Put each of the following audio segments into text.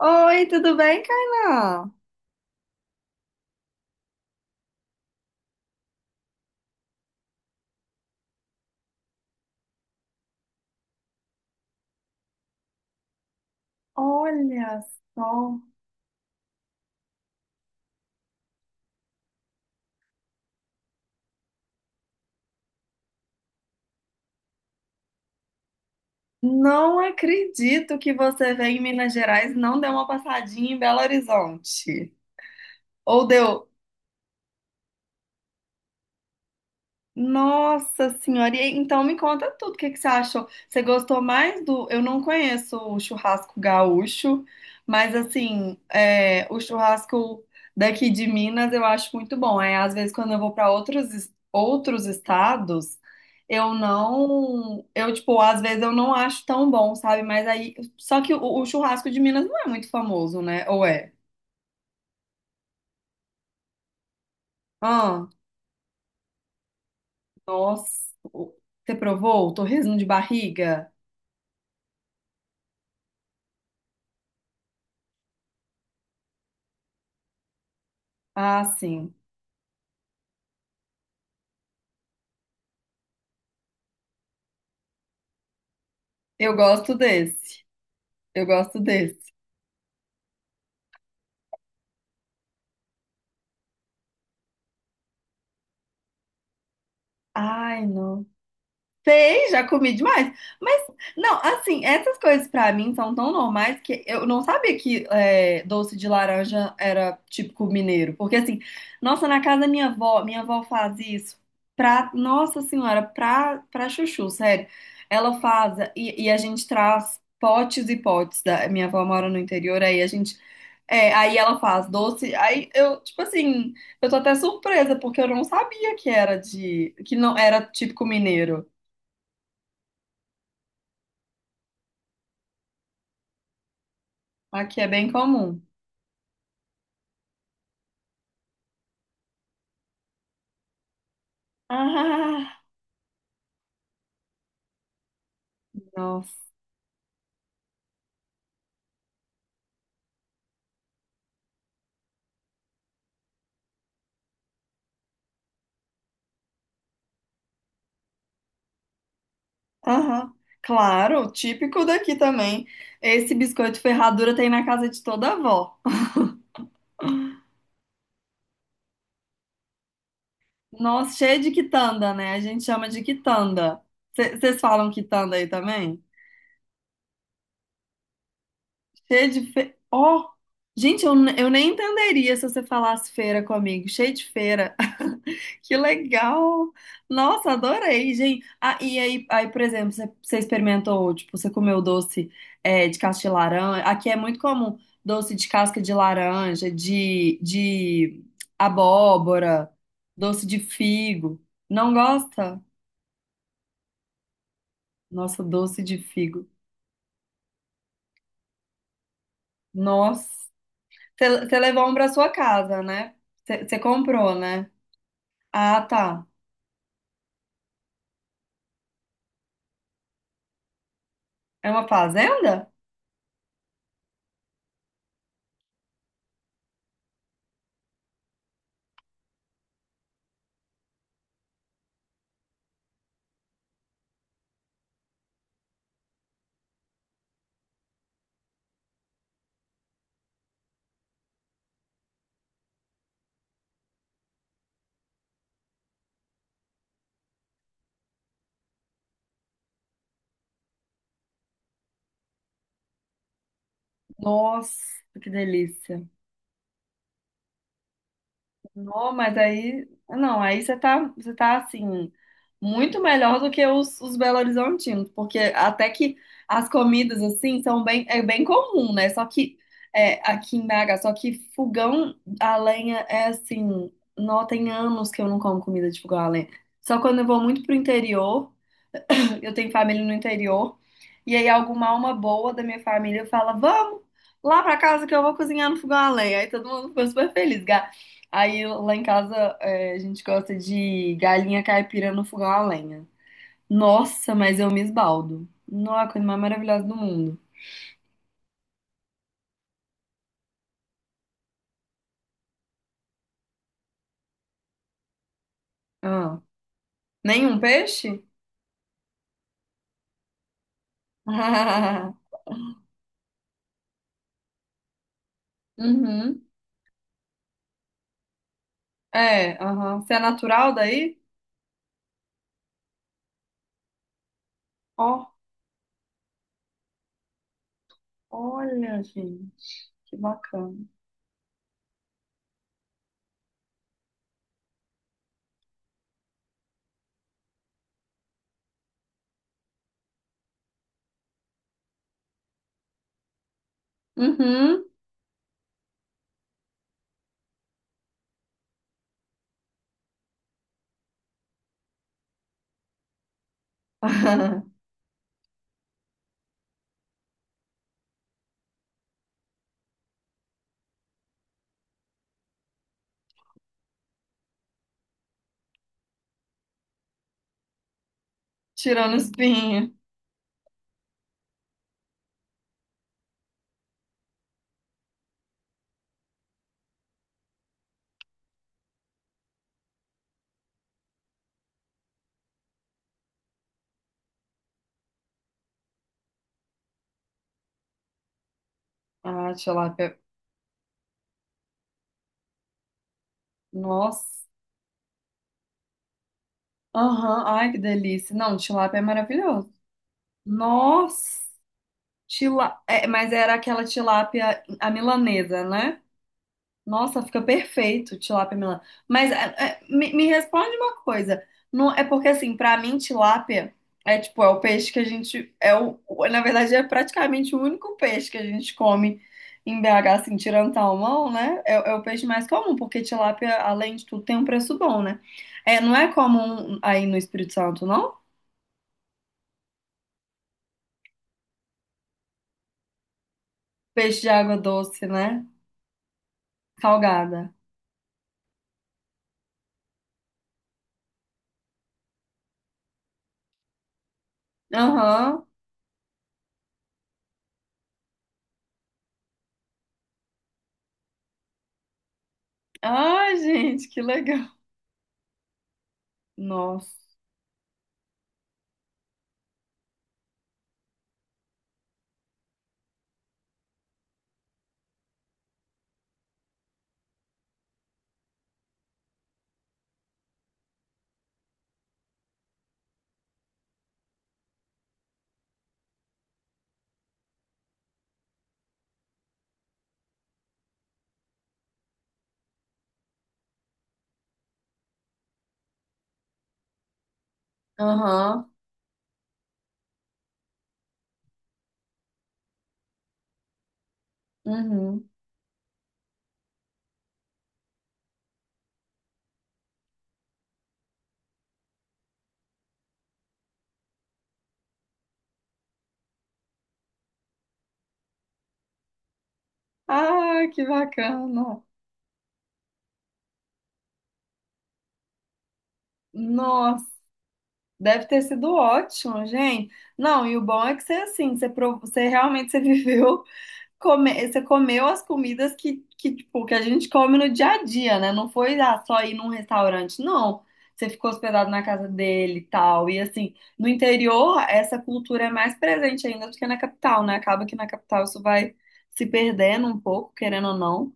Oi, tudo bem, Kainan? Olha só. Não acredito que você veio em Minas Gerais e não deu uma passadinha em Belo Horizonte. Ou deu, nossa senhora, e então me conta tudo, o que que você achou? Você gostou mais do... Eu não conheço o churrasco gaúcho, mas assim, é, o churrasco daqui de Minas eu acho muito bom. É, às vezes quando eu vou para outros, outros estados, eu não... Eu, tipo, às vezes eu não acho tão bom, sabe? Mas aí... Só que o churrasco de Minas não é muito famoso, né? Ou é? Ah, nossa, você provou o torresmo de barriga? Ah, sim. Eu gosto desse. Eu gosto desse. Ai, não. Sei, já comi demais. Mas, não, assim, essas coisas pra mim são tão normais que eu não sabia que é, doce de laranja era típico mineiro. Porque, assim, nossa, na casa da minha avó faz isso pra, nossa senhora, pra chuchu, sério. Ela faz e a gente traz potes e potes. Minha avó mora no interior, aí a gente aí ela faz doce. Aí eu, tipo assim, eu tô até surpresa, porque eu não sabia que era de, que não era típico mineiro. Aqui é bem comum. Ah, nossa. Aham. Claro, típico daqui também. Esse biscoito ferradura tem na casa de toda avó. Nossa, cheio de quitanda, né? A gente chama de quitanda. Vocês falam quitanda aí também? Cheio de fe... Ó, gente, eu, eu nem entenderia se você falasse feira comigo. Cheio de feira. Que legal! Nossa, adorei, gente. Ah, e aí, aí, por exemplo, você experimentou, tipo, você comeu doce é, de casca de laranja. Aqui é muito comum doce de casca de laranja, de abóbora, doce de figo. Não gosta? Nossa, doce de figo. Nossa. Você levou um pra sua casa, né? Você comprou, né? Ah, tá. É uma fazenda? Nossa, que delícia. Não, mas aí, não, aí você tá assim, muito melhor do que os Belo Horizontinos, porque até que as comidas assim são bem, é bem comum, né? Só que aqui em BH, só que fogão a lenha é assim, não tem anos que eu não como comida de fogão a lenha. Só quando eu vou muito pro interior eu tenho família no interior. E aí alguma alma boa da minha família fala: "Vamos lá pra casa que eu vou cozinhar no fogão a lenha". Aí todo mundo ficou super feliz. Aí lá em casa a gente gosta de galinha caipira no fogão a lenha. Nossa, mas eu me esbaldo. Nossa, a coisa mais maravilhosa do mundo. Ah, nenhum peixe? Uhum. É, aham. Você é natural daí? Ó, olha, gente, que bacana. Uhum. Tirando espinho. Ah, tilápia. Nossa. Aham. Ai, que delícia. Não, tilápia é maravilhoso. Nossa. Tila... É, mas era aquela tilápia a milanesa, né? Nossa, fica perfeito, tilápia melã. Mas me responde uma coisa. Não, é porque assim, pra mim tilápia é tipo, é o peixe que a gente é na verdade é praticamente o único peixe que a gente come em BH, assim, tirando salmão, né? É, é o peixe mais comum, porque tilápia, além de tudo, tem um preço bom, né? É, não é comum aí no Espírito Santo, não? Peixe de água doce, né? Salgada. Aham. Ai, gente, que legal. Nossa. Aham. Uhum. Ah, que bacana! Nossa, deve ter sido ótimo, gente. Não, e o bom é que você assim, você realmente você viveu, você comeu as comidas tipo, que a gente come no dia a dia, né? Não foi só ir num restaurante, não. Você ficou hospedado na casa dele e tal. E assim, no interior, essa cultura é mais presente ainda do que na capital, né? Acaba que na capital isso vai se perdendo um pouco, querendo ou não.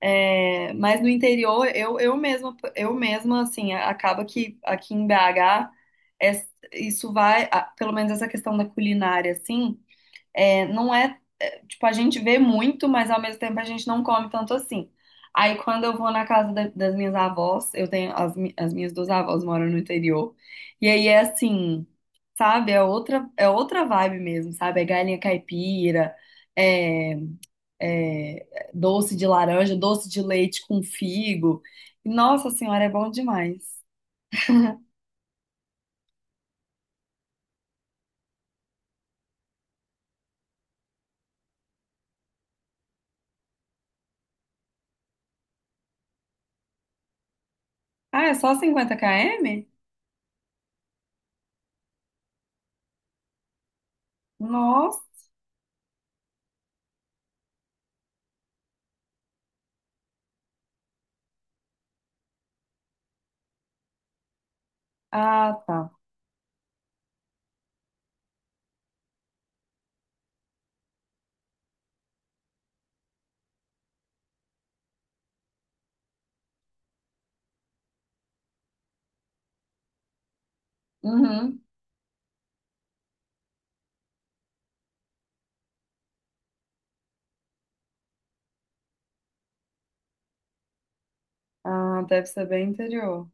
É, mas no interior, eu mesma, assim, acaba que aqui em BH, é- isso vai, pelo menos essa questão da culinária, assim, é, não é, é, tipo, a gente vê muito, mas ao mesmo tempo a gente não come tanto assim. Aí quando eu vou na casa das minhas avós, eu tenho, as minhas duas avós moram no interior, e aí é assim, sabe, é outra vibe mesmo, sabe, é galinha caipira, é, doce de laranja, doce de leite com figo. Nossa senhora, é bom demais. Ah, é só 50 km? Nossa. Ah, tá. Uhum. Ah, deve ser bem interior.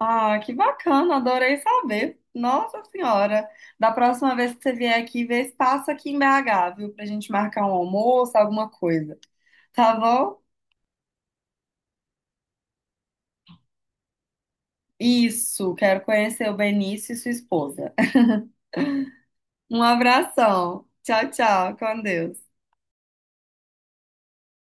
Ah, que bacana, adorei saber. Nossa senhora. Da próxima vez que você vier aqui, vê se passa aqui em BH, viu? Pra gente marcar um almoço, alguma coisa. Tá bom? Isso, quero conhecer o Benício e sua esposa. Um abração. Tchau, tchau. Com Deus.